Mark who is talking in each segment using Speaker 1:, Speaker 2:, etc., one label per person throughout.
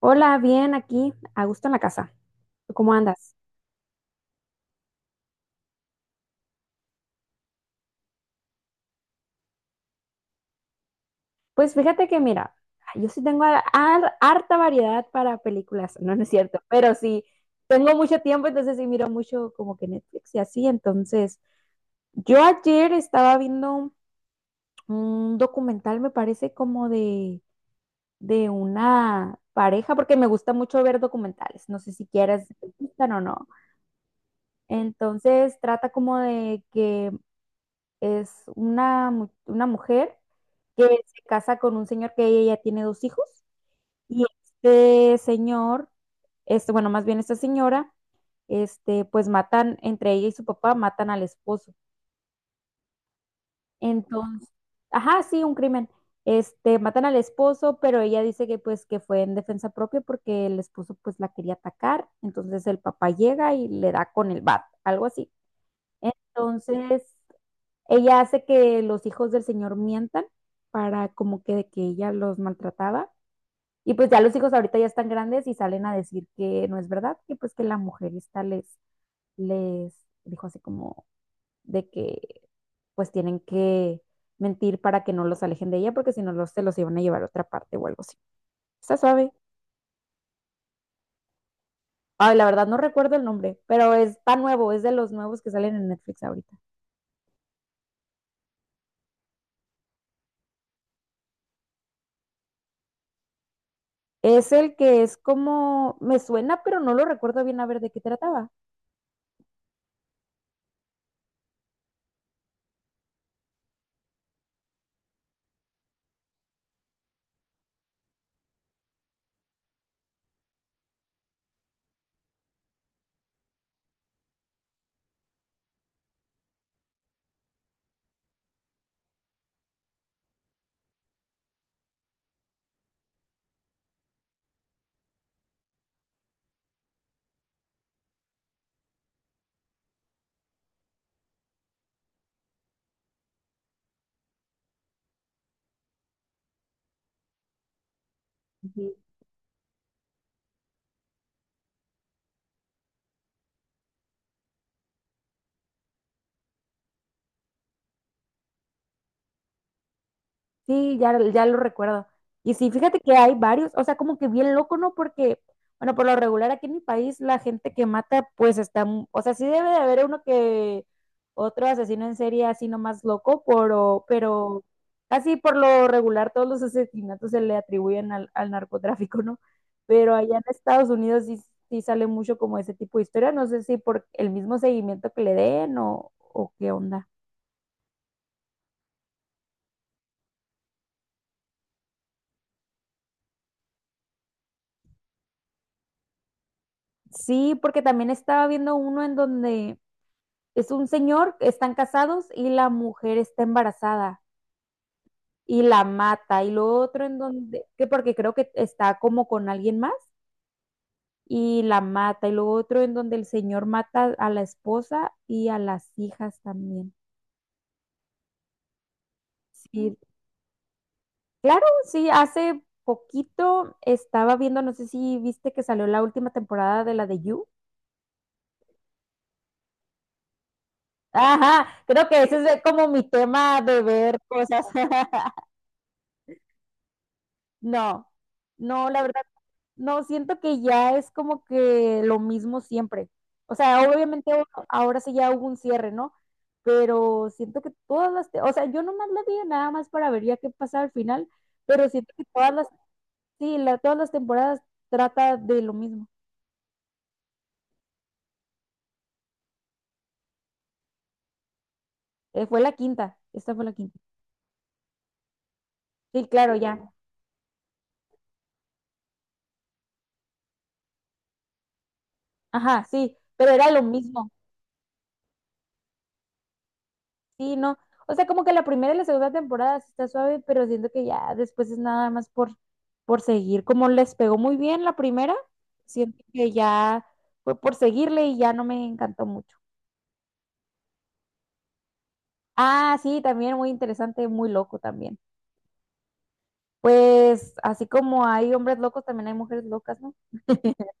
Speaker 1: Hola, bien, aquí, a gusto en la casa. ¿Tú ¿Cómo andas? Pues fíjate que mira, yo sí tengo harta variedad para películas, no es cierto, pero sí, tengo mucho tiempo, entonces sí miro mucho como que Netflix y así, entonces yo ayer estaba viendo un documental, me parece como de una pareja, porque me gusta mucho ver documentales, no sé si quieres, te gustan o no. Entonces trata como de que es una mujer que se casa con un señor que ella ya tiene dos hijos y este señor, este, bueno, más bien esta señora, este, pues matan, entre ella y su papá, matan al esposo. Entonces, ajá, sí, un crimen. Este, matan al esposo, pero ella dice que pues que fue en defensa propia porque el esposo pues la quería atacar, entonces el papá llega y le da con el bat, algo así. Entonces, ella hace que los hijos del señor mientan para como que de que ella los maltrataba. Y pues ya los hijos ahorita ya están grandes y salen a decir que no es verdad, que pues que la mujer esta les, les dijo así como de que pues tienen que mentir para que no los alejen de ella porque si no los, se los iban a llevar a otra parte o algo así. Está suave. Ay, la verdad no recuerdo el nombre, pero está nuevo, es de los nuevos que salen en Netflix ahorita. Es el que es como, me suena, pero no lo recuerdo bien a ver de qué trataba. Ujú. Sí, ya, ya lo recuerdo. Y sí, fíjate que hay varios, o sea, como que bien loco, ¿no? Porque, bueno, por lo regular aquí en mi país la gente que mata, pues está, mu- o sea, sí debe de haber uno que otro asesino en serie así nomás loco, pero casi por lo regular todos los asesinatos se le atribuyen al narcotráfico, ¿no? Pero allá en Estados Unidos sí, sí sale mucho como ese tipo de historia, no sé si por el mismo seguimiento que le den o qué onda. Sí, porque también estaba viendo uno en donde es un señor, están casados y la mujer está embarazada y la mata y lo otro en donde, que porque creo que está como con alguien más y la mata y lo otro en donde el señor mata a la esposa y a las hijas también. Sí, claro, sí, hace poquito estaba viendo, no sé si viste que salió la última temporada de la de You. Ajá, creo que ese es como mi tema de ver cosas. No, no, la verdad no, siento que ya es como que lo mismo siempre. O sea, obviamente ahora sí ya hubo un cierre, ¿no? Pero siento que todas las, o sea, yo nomás la vi nada más para ver ya qué pasa al final, pero siento que todas las, sí, todas las temporadas trata de lo mismo. Fue la quinta, esta fue la quinta. Sí, claro, ya. Ajá, sí, pero era lo mismo. Sí, no. O sea, como que la primera y la segunda temporada sí está suave, pero siento que ya después es nada más por seguir. Como les pegó muy bien la primera, siento que ya fue por seguirle y ya no me encantó mucho. Ah, sí, también muy interesante, muy loco también. Pues así como hay hombres locos, también hay mujeres locas, ¿no?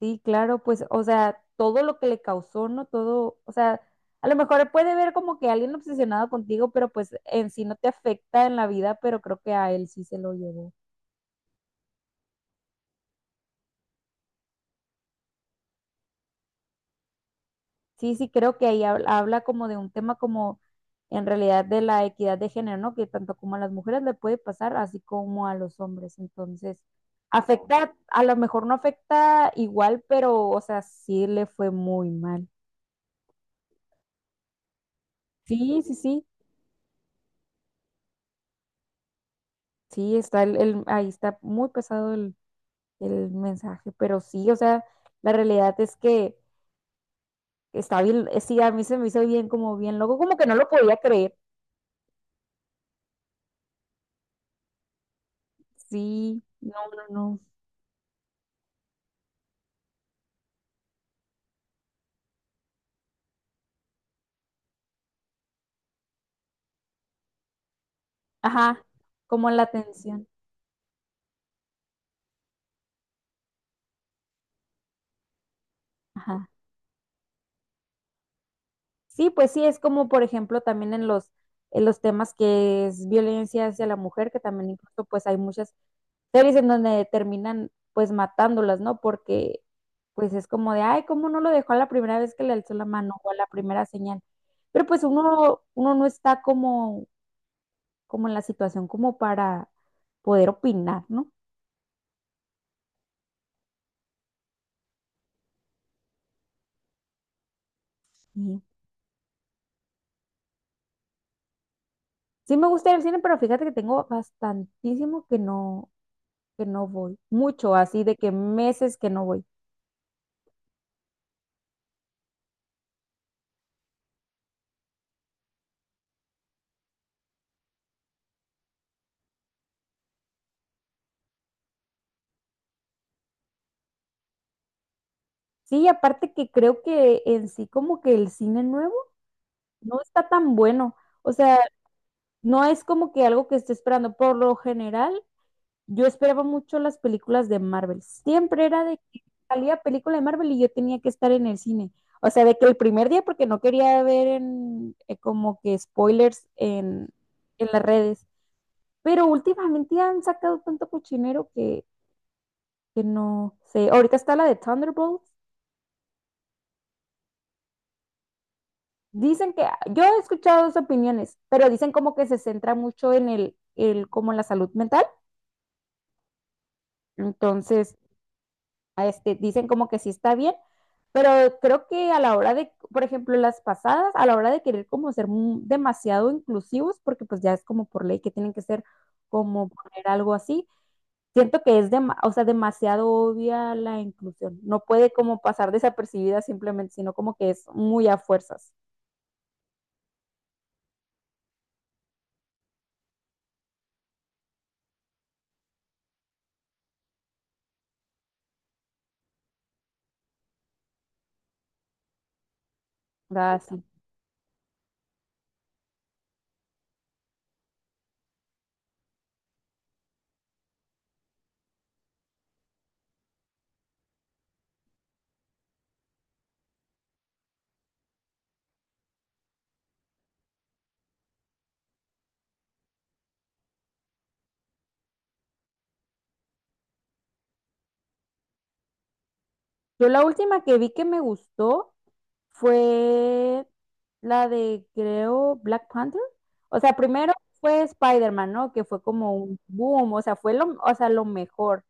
Speaker 1: Sí, claro, pues, o sea, todo lo que le causó, ¿no? Todo, o sea, a lo mejor puede ver como que alguien obsesionado contigo, pero pues en sí no te afecta en la vida, pero creo que a él sí se lo llevó. Sí, sí, creo que ahí habla, habla como de un tema como en realidad de la equidad de género, ¿no? Que tanto como a las mujeres le puede pasar, así como a los hombres. Entonces, afecta, a lo mejor no afecta igual, pero, o sea, sí le fue muy mal. Sí, sí, sí, sí, está ahí está muy pesado el mensaje, pero sí, o sea, la realidad es que está bien, sí, a mí se me hizo bien, como bien loco, como que no lo podía creer. Sí, no, no, no. Ajá, como la atención. Ajá. Sí, pues sí, es como por ejemplo también en los temas que es violencia hacia la mujer, que también incluso pues hay muchas series en donde terminan pues matándolas, ¿no? Porque pues es como de, ay, ¿cómo no lo dejó a la primera vez que le alzó la mano o a la primera señal? Pero pues uno, uno no está como, como en la situación como para poder opinar, ¿no? Sí. Sí me gusta ir al cine, pero fíjate que tengo bastantísimo que no voy, mucho así de que meses que no voy. Sí, aparte que creo que en sí como que el cine nuevo no está tan bueno. O sea, no es como que algo que esté esperando. Por lo general, yo esperaba mucho las películas de Marvel. Siempre era de que salía película de Marvel y yo tenía que estar en el cine. O sea, de que el primer día, porque no quería ver en, como que spoilers en las redes. Pero últimamente han sacado tanto cochinero que no sé. Ahorita está la de Thunderbolts. Dicen que, yo he escuchado dos opiniones, pero dicen como que se centra mucho en el como en la salud mental. Entonces, a este, dicen como que sí está bien, pero creo que a la hora de, por ejemplo, las pasadas, a la hora de querer como ser demasiado inclusivos, porque pues ya es como por ley que tienen que ser como poner algo así, siento que es o sea, demasiado obvia la inclusión. No puede como pasar desapercibida simplemente, sino como que es muy a fuerzas, ¿verdad? Así yo la última que vi que me gustó fue la de, creo, Black Panther. O sea, primero fue Spider-Man, ¿no? Que fue como un boom, o sea, fue lo, o sea, lo mejor.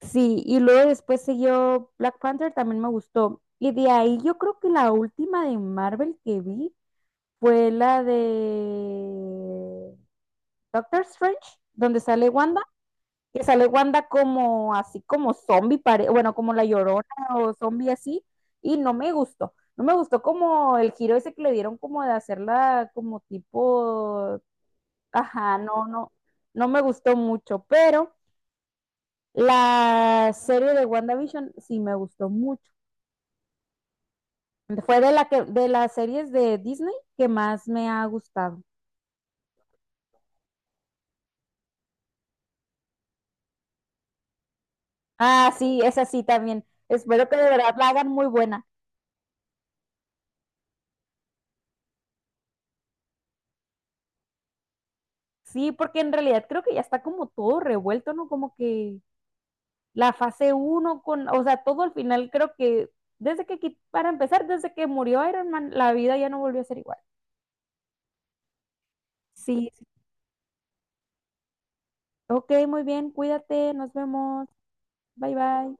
Speaker 1: Sí, y luego después siguió Black Panther, también me gustó. Y de ahí yo creo que la última de Marvel que vi fue la de Doctor Strange, donde sale Wanda. Que sale Wanda como así como zombie, bueno, como la Llorona o zombie así, y no me gustó. No me gustó como el giro ese que le dieron como de hacerla como tipo, ajá, no, no, no me gustó mucho, pero la serie de WandaVision sí me gustó mucho. Fue de la que, de las series de Disney que más me ha gustado. Ah, sí, esa sí también. Espero que de verdad la hagan muy buena. Sí, porque en realidad creo que ya está como todo revuelto, ¿no? Como que la fase uno con, o sea, todo al final creo que desde que, para empezar, desde que murió Iron Man, la vida ya no volvió a ser igual. Sí, sí. Ok, muy bien, cuídate, nos vemos, bye bye.